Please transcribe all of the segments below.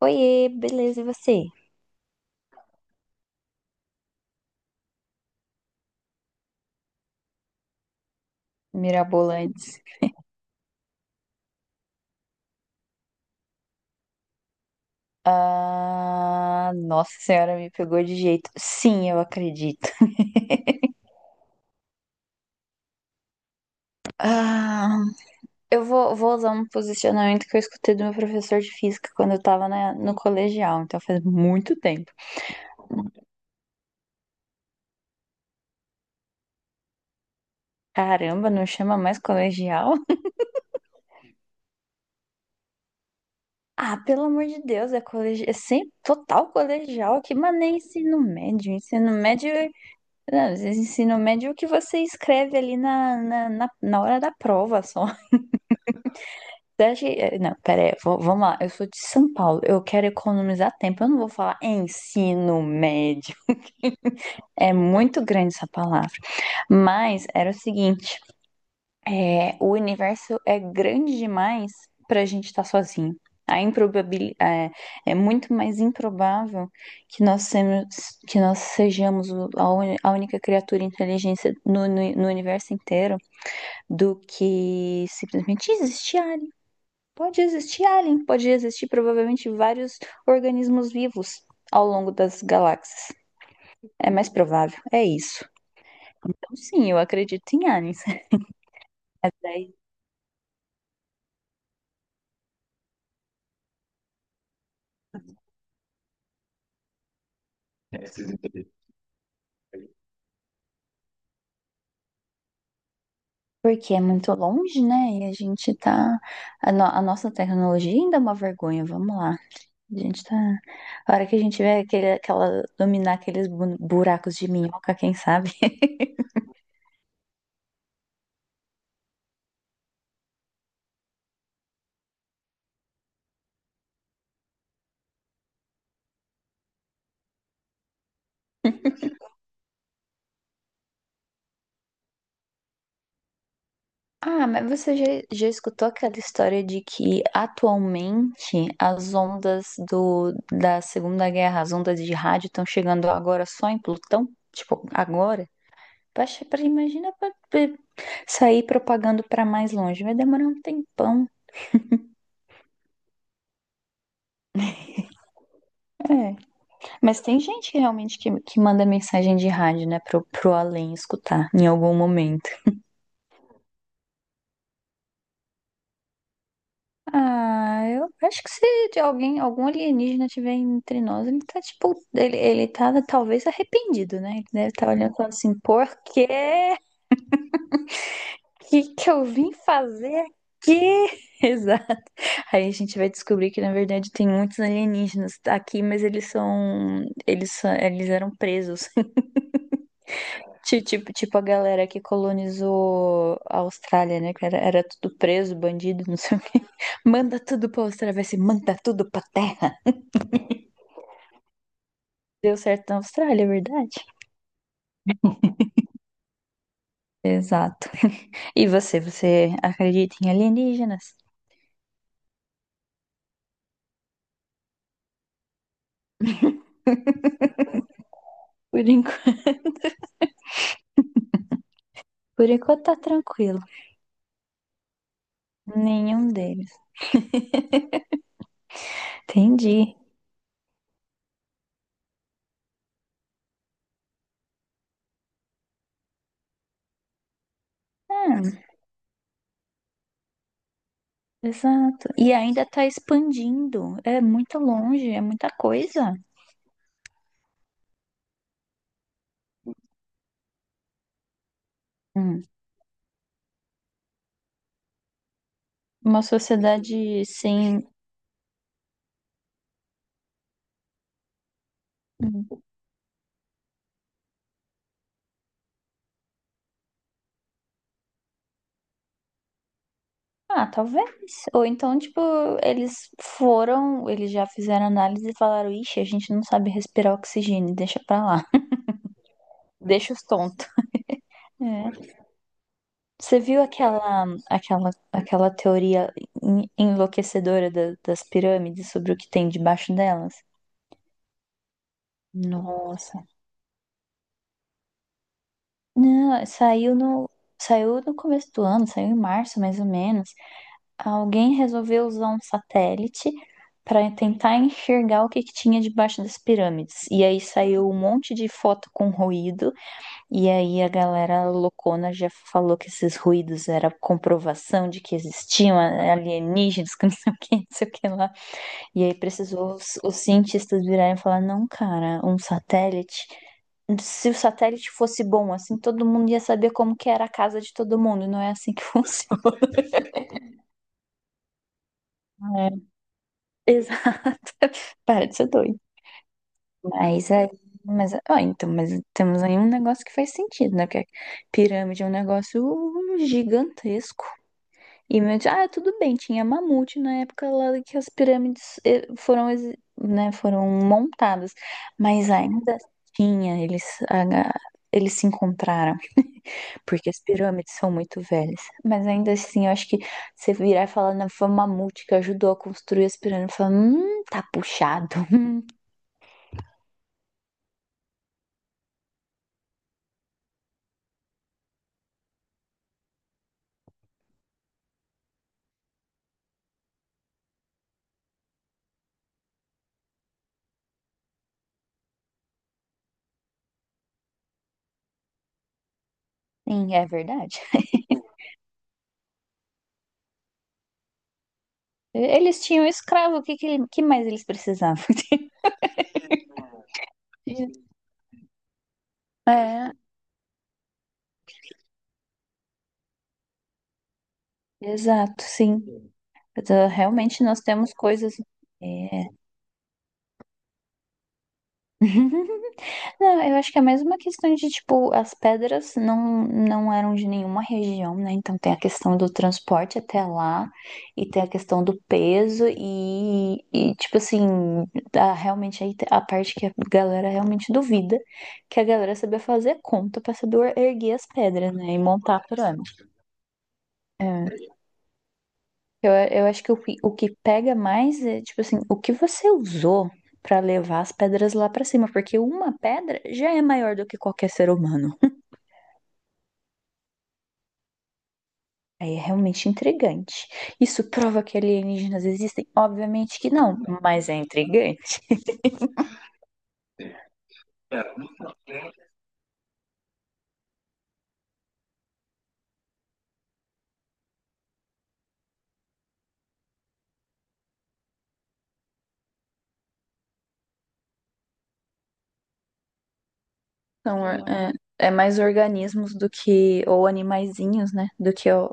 Oiê, beleza, e você? Mirabolantes. Ah, nossa senhora, me pegou de jeito. Sim, eu acredito. Ah, eu vou usar um posicionamento que eu escutei do meu professor de física quando eu tava no colegial, então faz muito tempo. Caramba, não chama mais colegial? Ah, pelo amor de Deus, é colegial, é sempre total colegial aqui, mas nem ensino médio. Não, ensino médio é o que você escreve ali na hora da prova só. Daqui, não, pera aí, vamos lá. Eu sou de São Paulo, eu quero economizar tempo. Eu não vou falar ensino médio. É muito grande essa palavra. Mas era o seguinte, o universo é grande demais para a gente estar sozinho. A improbabil, é, É muito mais improvável que nós, semos, que nós sejamos a única criatura inteligente no universo inteiro do que simplesmente existir. Pode existir alien, pode existir provavelmente vários organismos vivos ao longo das galáxias. É mais provável, é isso. Então, sim, eu acredito em aliens. Porque é muito longe, né? E a gente tá. A, no- A nossa tecnologia ainda é uma vergonha, vamos lá. A gente tá. A hora que a gente vê aquela dominar aqueles buracos de minhoca, quem sabe? Ah, já escutou aquela história de que atualmente as ondas da Segunda Guerra, as ondas de rádio estão chegando agora só em Plutão? Tipo, agora? Imagina pra sair propagando pra mais longe, vai demorar um tempão. É. Mas tem gente que realmente que manda mensagem de rádio, né, pro além escutar em algum momento. Ah, eu acho que se de alguém, algum alienígena tiver entre nós, ele tá tipo, ele tá talvez arrependido, né? Ele deve estar olhando e falando assim, por que que eu vim fazer aqui? Exato. Aí a gente vai descobrir que na verdade tem muitos alienígenas aqui, mas eles eram presos. Tipo, tipo a galera que colonizou a Austrália, né? Era tudo preso, bandido, não sei o quê. Manda tudo pra Austrália, vai ser manda tudo pra terra. Deu certo na Austrália, é verdade? Exato. Você acredita em alienígenas? Por enquanto. Por enquanto tá tranquilo. Nenhum deles. Entendi. Ah, exato. E ainda tá expandindo. É muito longe, é muita coisa. Hum. Uma sociedade sem. Hum. Ah, talvez. Ou então, tipo, eles já fizeram análise e falaram: Ixi, a gente não sabe respirar oxigênio, deixa pra lá. Deixa os tontos. É. Você viu aquela teoria enlouquecedora das pirâmides sobre o que tem debaixo delas? Nossa. Não, saiu no, saiu no começo do ano, saiu em março mais ou menos. Alguém resolveu usar um satélite para tentar enxergar o que que tinha debaixo das pirâmides. E aí saiu um monte de foto com ruído. E aí a galera loucona já falou que esses ruídos era comprovação de que existiam alienígenas, que não sei o que, não sei o que lá. E aí precisou os cientistas virarem e falar, não, cara, um satélite. Se o satélite fosse bom, assim, todo mundo ia saber como que era a casa de todo mundo. Não é assim que funciona. É, exato. Para de ser doido. Mas aí. Mas, ó, então, mas temos aí um negócio que faz sentido, né? Porque a pirâmide é um negócio gigantesco. E meu, tio, ah, tudo bem, tinha mamute na época lá que as pirâmides né, foram montadas, mas ainda tinha, eles, a- a- eles se encontraram, porque as pirâmides são muito velhas. Mas ainda assim, eu acho que você virar e falar, não, foi o mamute que ajudou a construir as pirâmides, fala, tá puxado. Sim, é verdade. Eles tinham escravo, o que, que, ele- que mais eles precisavam? É, exato, sim. Então, realmente nós temos coisas. Eh. Não, eu acho que é mais uma questão de, tipo, as pedras não eram de nenhuma região, né? Então tem a questão do transporte até lá, e tem a questão do peso, e tipo assim, a, realmente aí a parte que a galera realmente duvida, que a galera sabia fazer conta pra saber erguer as pedras, né? E montar a pirâmide. É. Eu acho que o que pega mais é, tipo assim, o que você usou pra levar as pedras lá pra cima, porque uma pedra já é maior do que qualquer ser humano. Aí é realmente intrigante. Isso prova que alienígenas existem? Obviamente que não, mas é intrigante. São, or- é, é mais organismos do que, ou animaizinhos, né, do que ó,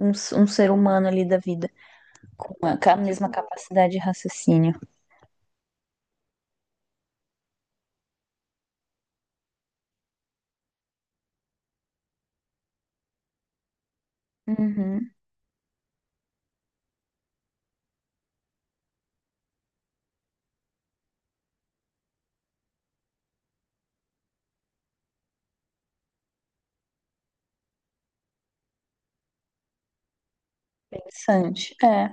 um, um ser humano ali da vida, com a mesma capacidade de raciocínio. Uhum, interessante. É,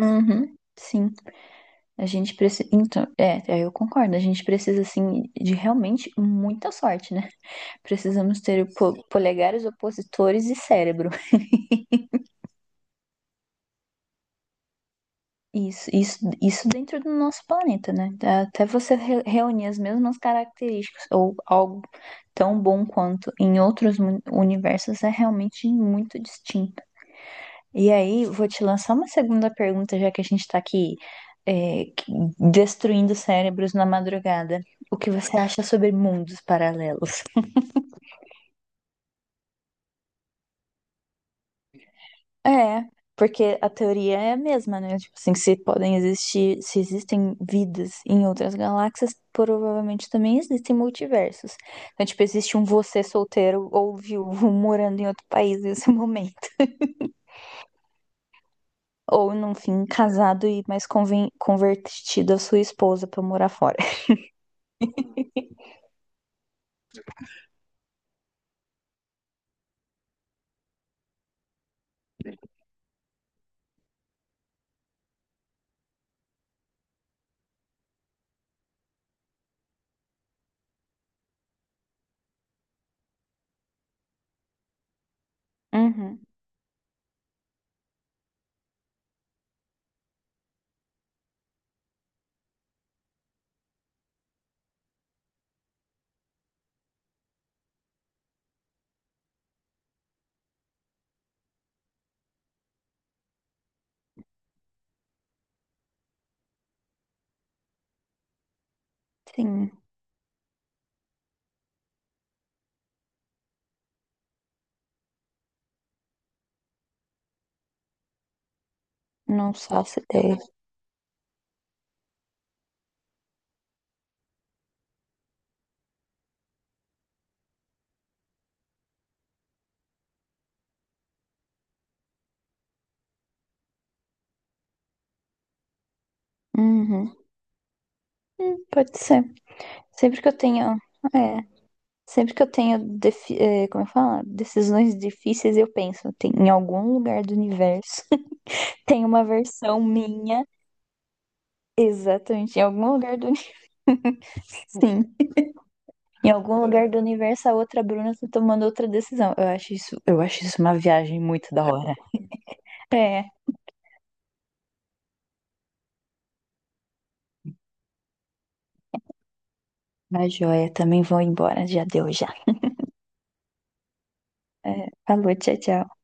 uhum, sim. A gente precisa. Então, eu concordo. A gente precisa, assim, de realmente muita sorte, né? Precisamos ter polegares opositores e cérebro. Isso dentro do nosso planeta, né? Até você reunir as mesmas características ou algo tão bom quanto em outros universos é realmente muito distinto. E aí, vou te lançar uma segunda pergunta, já que a gente tá aqui é, que- destruindo cérebros na madrugada. O que você acha sobre mundos paralelos? É, porque a teoria é a mesma, né? Tipo assim, se podem existir, se existem vidas em outras galáxias, provavelmente também existem multiversos. Então, tipo, existe um você solteiro ou viúvo morando em outro país nesse momento. Ou, no fim, casado e mais convertido a sua esposa pra morar fora. Uhum, sim, não faço ideia. Uhum, pode ser. Sempre que eu tenho, é, sempre que eu tenho, como eu falo, decisões difíceis, eu penso, tem, em algum lugar do universo tem uma versão minha, exatamente, em algum lugar do universo. Em algum lugar do universo, a outra Bruna tá tomando outra decisão. Eu acho isso uma viagem muito da hora. É, mas joia, também vou embora, já deu já. É, falou, tchau, tchau.